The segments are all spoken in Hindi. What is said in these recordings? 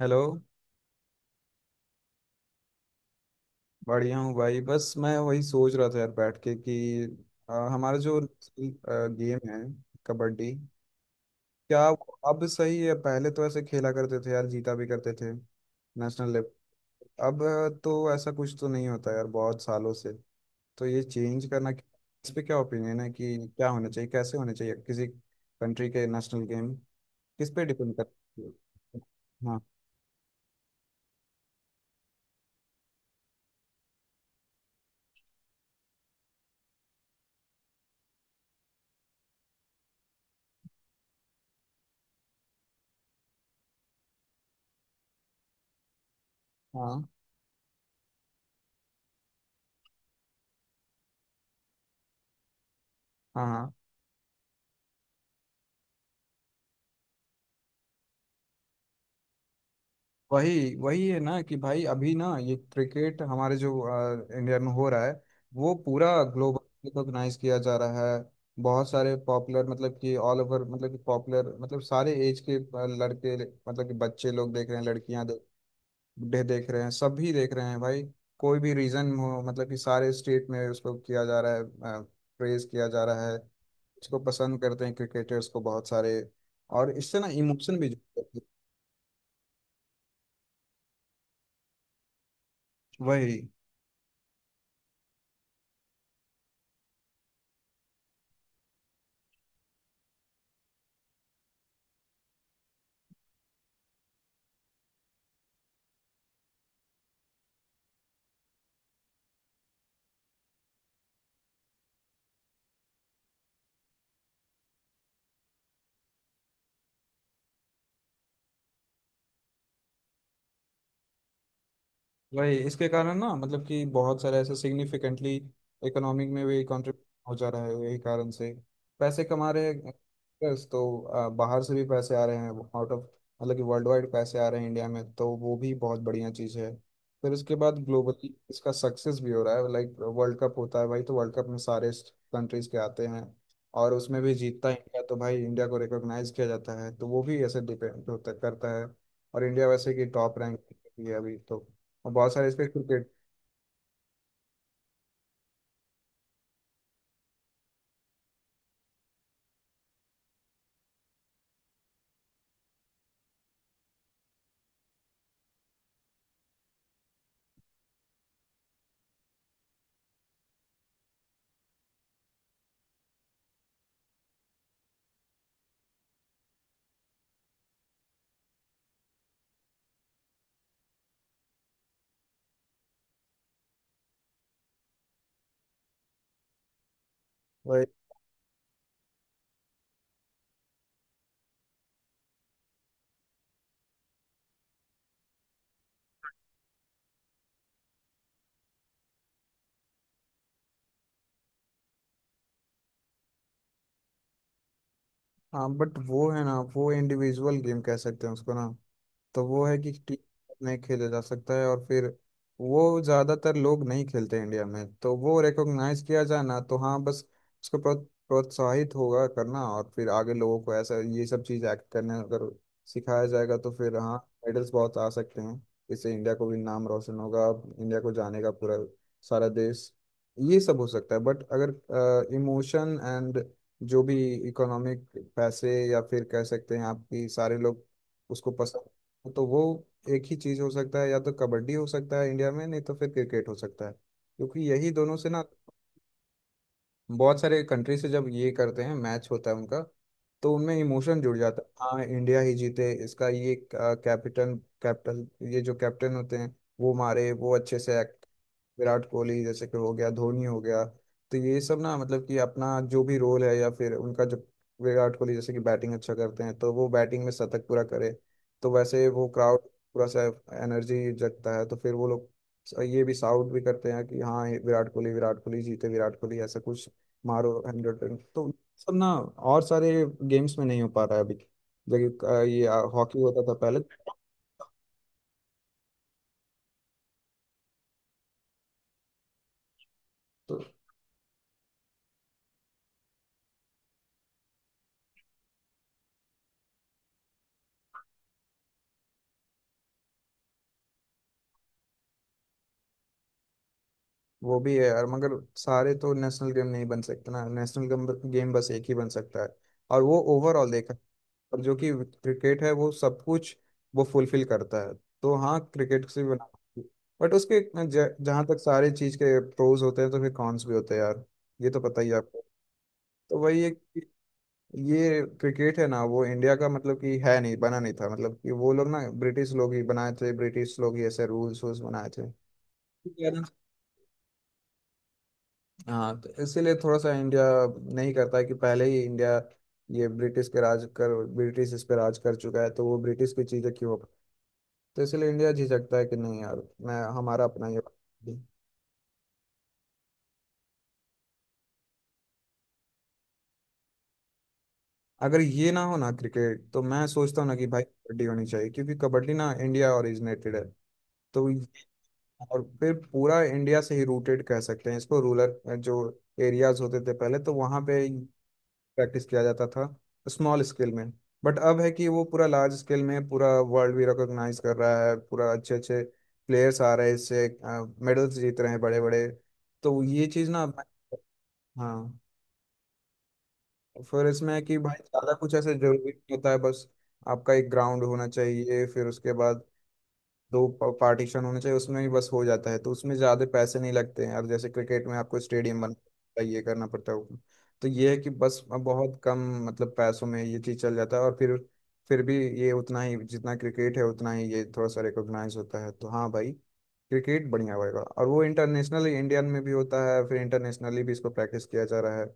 हेलो। बढ़िया हूँ भाई, बस मैं वही सोच रहा था यार बैठ के कि हमारा जो गेम है, कबड्डी, क्या वो अब सही है? पहले तो ऐसे खेला करते थे यार, जीता भी करते थे नेशनल लेवल। अब तो ऐसा कुछ तो नहीं होता यार बहुत सालों से, तो ये चेंज करना, इस पे क्या ओपिनियन है कि क्या होना चाहिए, कैसे होने चाहिए किसी कंट्री के नेशनल गेम, किस पे डिपेंड करती है। हाँ। हाँ। हाँ। हाँ। वही वही है ना कि भाई अभी ना ये क्रिकेट हमारे जो इंडिया में हो रहा है, वो पूरा ग्लोबल रिकॉग्नाइज किया जा रहा है। बहुत सारे पॉपुलर, मतलब कि ऑल ओवर, मतलब कि पॉपुलर, मतलब सारे एज के लड़के, मतलब कि बच्चे लोग देख रहे हैं, लड़कियां देख, बूढ़े देख रहे हैं, सभी देख रहे हैं भाई। कोई भी रीजन हो, मतलब कि सारे स्टेट में उसको किया जा रहा है, प्रेज किया जा रहा है, इसको पसंद करते हैं क्रिकेटर्स को बहुत सारे, और इससे ना इमोशन भी जुड़ते हैं। वही वही इसके कारण ना, मतलब कि बहुत सारे ऐसे सिग्निफिकेंटली इकोनॉमिक में भी कंट्रीब्यूट हो जा रहा है यही कारण से, पैसे कमा रहे हैं workers, तो बाहर से भी पैसे आ रहे हैं, आउट ऑफ, मतलब कि वर्ल्ड वाइड पैसे आ रहे हैं इंडिया में, तो वो भी बहुत बढ़िया चीज़ है। फिर उसके बाद ग्लोबली इसका सक्सेस भी हो रहा है, लाइक वर्ल्ड कप होता है भाई, तो वर्ल्ड कप में सारे कंट्रीज के आते हैं, और उसमें भी जीतता है इंडिया, तो भाई इंडिया को रिकॉग्नाइज किया जाता है, तो वो भी ऐसे डिपेंड होता करता है। और इंडिया वैसे कि टॉप रैंक पे भी है अभी तो, और बहुत सारे इस पे क्रिकेट। वही। हाँ, बट वो है ना, वो इंडिविजुअल गेम कह सकते हैं उसको ना, तो वो है कि टीम नहीं खेला जा सकता है, और फिर वो ज़्यादातर लोग नहीं खेलते इंडिया में, तो वो रिकॉग्नाइज किया जाए ना, तो हाँ बस उसको प्रोत्साहित होगा करना, और फिर आगे लोगों को ऐसा ये सब चीज़ एक्ट करने अगर सिखाया जाएगा तो फिर हाँ, मेडल्स बहुत आ सकते हैं, इससे इंडिया को भी नाम रोशन होगा, इंडिया को जानेगा पूरा सारा देश। ये सब हो सकता है, बट अगर इमोशन एंड जो भी इकोनॉमिक पैसे, या फिर कह सकते हैं आपकी सारे लोग उसको पसंद, तो वो एक ही चीज हो सकता है, या तो कबड्डी हो सकता है इंडिया में, नहीं तो फिर क्रिकेट हो सकता है, क्योंकि यही दोनों से ना बहुत सारे कंट्री से जब ये करते हैं, मैच होता है उनका, तो उनमें इमोशन जुड़ जाता है, हाँ इंडिया ही जीते, इसका ये कैप्टन, कैप्टन, ये जो कैप्टन होते हैं वो मारे, वो अच्छे से एक्ट, विराट कोहली जैसे कि हो गया, धोनी हो गया, तो ये सब ना मतलब कि अपना जो भी रोल है, या फिर उनका जो, विराट कोहली जैसे कि बैटिंग अच्छा करते हैं, तो वो बैटिंग में शतक पूरा करे, तो वैसे वो क्राउड पूरा सा एनर्जी जगता है, तो फिर वो लोग ये भी साउट भी करते हैं कि हाँ ये विराट कोहली, विराट कोहली जीते, विराट कोहली, ऐसा कुछ मारो हंड्रेड रन, तो सब ना, और सारे गेम्स में नहीं हो पा रहा है अभी, जबकि ये हॉकी होता था पहले। तो वो भी है यार, मगर सारे तो नेशनल गेम नहीं बन सकते ना, नेशनल गेम, गेम बस एक ही बन सकता है, और वो ओवरऑल देखा, और जो कि क्रिकेट है वो सब कुछ वो फुलफिल करता है, तो हाँ क्रिकेट से भी बना, बट उसके जहाँ तक सारी चीज के प्रोज होते हैं तो फिर कॉन्स भी होते हैं यार, ये तो पता ही है आपको। तो वही है कि ये क्रिकेट है ना वो इंडिया का मतलब कि है नहीं, बना नहीं था, मतलब कि वो लोग ना, ब्रिटिश लोग ही बनाए थे, ब्रिटिश लोग ही ऐसे रूल्स वूल्स बनाए थे। हाँ, तो इसीलिए थोड़ा सा इंडिया नहीं करता है कि पहले ही इंडिया ये ब्रिटिश के राज कर, ब्रिटिश इस पे राज कर चुका है, तो वो ब्रिटिश की चीज़ें क्यों, तो इसलिए इंडिया झिझकता है कि नहीं यार, मैं हमारा अपना ये। अगर ये ना हो ना क्रिकेट, तो मैं सोचता हूँ ना कि भाई कबड्डी होनी चाहिए, क्योंकि कबड्डी ना इंडिया ओरिजिनेटेड है, तो ये-, और फिर पूरा इंडिया से ही रूटेड कह सकते हैं इसको, रूरल जो एरियाज होते थे पहले, तो वहाँ पे प्रैक्टिस किया जाता था स्मॉल स्केल में, बट अब है कि वो पूरा लार्ज स्केल में, पूरा वर्ल्ड भी रिकॉग्नाइज कर रहा है, पूरा अच्छे अच्छे प्लेयर्स आ रहे हैं इससे, मेडल्स जीत रहे हैं बड़े बड़े, तो ये चीज़ ना। हाँ। फिर इसमें है कि भाई ज़्यादा कुछ ऐसे जरूरी नहीं होता है, बस आपका एक ग्राउंड होना चाहिए, फिर उसके बाद दो पार्टीशन होने चाहिए, उसमें ही बस हो जाता है, तो उसमें ज़्यादा पैसे नहीं लगते हैं, और जैसे क्रिकेट में आपको स्टेडियम बनना ये करना पड़ता है, तो ये है कि बस बहुत कम मतलब पैसों में ये चीज़ चल जाता है, और फिर भी ये उतना ही जितना क्रिकेट है उतना ही ये थोड़ा सा रिकॉग्नाइज होता है, तो हाँ भाई क्रिकेट बढ़िया होएगा, और वो इंटरनेशनली इंडियन में भी होता है, फिर इंटरनेशनली भी इसको प्रैक्टिस किया जा रहा है,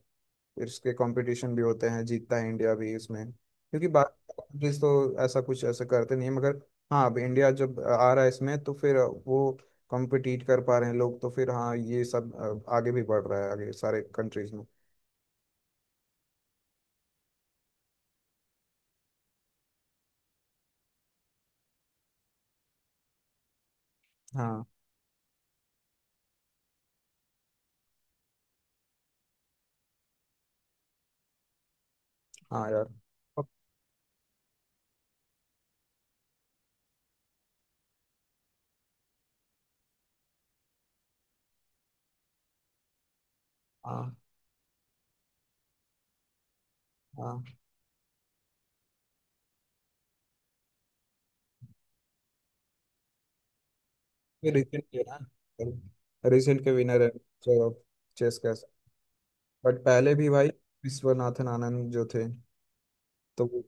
फिर उसके कंपटीशन भी होते हैं, जीतता है इंडिया भी इसमें, क्योंकि बाकी कंट्रीज तो ऐसा कुछ ऐसा करते नहीं है, मगर हाँ अब इंडिया जब आ रहा है इसमें तो फिर वो कॉम्पिटिट कर पा रहे हैं लोग, तो फिर हाँ ये सब आगे भी बढ़ रहा है, आगे सारे कंट्रीज में। हाँ। हाँ यार। अब- हाँ हाँ, ये रिसेंट के ना, रिसेंट के विनर है। चलो, चेस का, बट पहले भी भाई विश्वनाथन आनंद जो थे, तो वो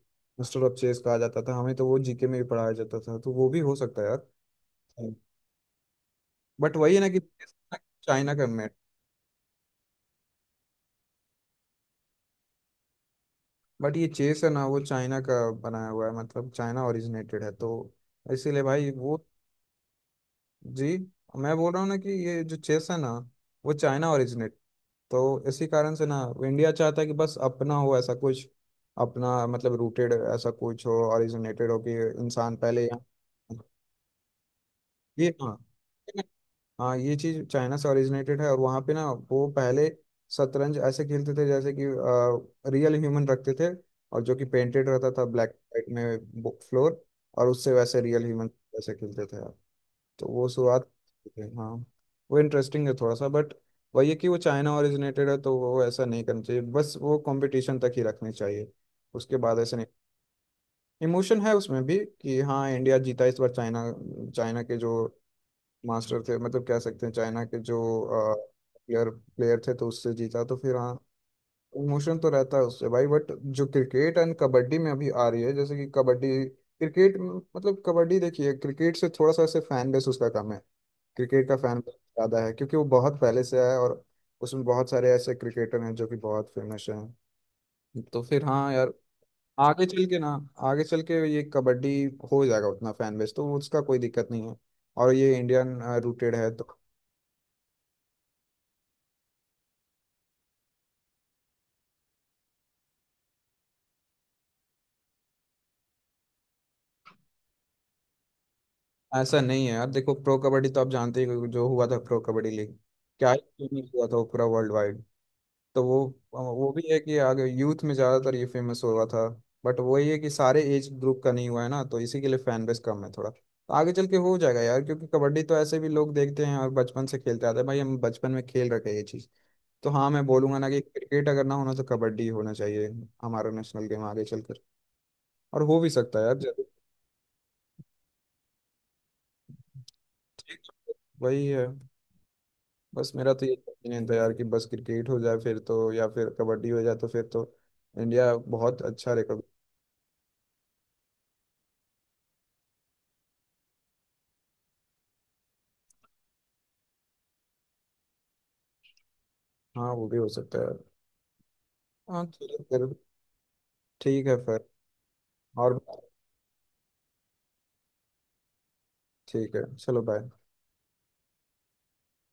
मास्टर ऑफ चेस कहा जाता था, हमें तो वो जीके में भी पढ़ाया जाता था, तो वो भी हो सकता है यार। बट वही है ना कि चाइना का मेड, बट ये चेस है ना वो चाइना का बनाया हुआ है, मतलब चाइना ओरिजिनेटेड है, तो इसीलिए भाई वो। जी, मैं बोल रहा हूँ ना कि ये जो चेस है ना वो चाइना ओरिजिनेट, तो इसी कारण से ना इंडिया चाहता है कि बस अपना हो ऐसा कुछ, अपना मतलब रूटेड ऐसा कुछ हो, ओरिजिनेटेड हो कि इंसान पहले यहाँ, ये। हाँ, हाँ ये चीज चाइना से ओरिजिनेटेड है, और वहाँ पे ना वो पहले शतरंज ऐसे खेलते थे जैसे कि रियल ह्यूमन रखते थे, और जो कि पेंटेड रहता था ब्लैक वाइट में फ्लोर, और उससे वैसे रियल ह्यूमन वैसे खेलते थे आप, तो वो शुरुआत थे। हाँ, वो इंटरेस्टिंग है थोड़ा सा, बट वही है कि वो चाइना ओरिजिनेटेड है, तो वो ऐसा नहीं करना चाहिए, बस वो कंपटीशन तक ही रखनी चाहिए, उसके बाद ऐसे नहीं। इमोशन है उसमें भी कि हाँ इंडिया जीता इस बार चाइना, चाइना के जो मास्टर थे, मतलब कह सकते हैं चाइना के जो प्लेयर प्लेयर थे, तो उससे जीता, तो फिर हाँ इमोशन तो रहता है उससे भाई, बट जो क्रिकेट एंड कबड्डी में अभी आ रही है, जैसे कि कबड्डी, क्रिकेट मतलब कबड्डी देखिए क्रिकेट से थोड़ा सा ऐसे फैन बेस उसका कम है, क्रिकेट का फैन बेस ज़्यादा है, क्योंकि वो बहुत पहले से है, और उसमें बहुत सारे ऐसे क्रिकेटर हैं जो कि बहुत फेमस हैं, तो फिर हाँ यार आगे चल के ना, आगे चल के ये कबड्डी हो जाएगा उतना फैन बेस, तो उसका कोई दिक्कत नहीं है, और ये इंडियन रूटेड है तो। ऐसा नहीं है यार, देखो प्रो कबड्डी तो आप जानते ही हो, जो हुआ था प्रो कबड्डी लीग, क्या ही फेमस हुआ था वो पूरा वर्ल्ड वाइड, तो वो भी है कि आगे यूथ में ज़्यादातर ये फेमस हुआ था, बट वही है कि सारे एज ग्रुप का नहीं हुआ है ना, तो इसी के लिए फैन बेस कम है थोड़ा, तो आगे चल के हो जाएगा यार, क्योंकि कबड्डी तो ऐसे भी लोग देखते हैं और बचपन से खेलते आते हैं भाई, हम बचपन में खेल रखे हैं ये चीज़, तो हाँ मैं बोलूंगा ना कि क्रिकेट अगर ना होना तो कबड्डी होना चाहिए हमारा नेशनल गेम आगे चलकर, और हो भी सकता है यार जरूर। ठीक। वही है। बस मेरा तो ये ओपिनियन था यार कि बस क्रिकेट हो जाए फिर तो, या फिर कबड्डी हो जाए तो फिर तो इंडिया बहुत अच्छा रिकॉर्ड। हाँ वो भी हो सकता है। हाँ चलो फिर, ठीक है फिर। और ठीक है, चलो बाय।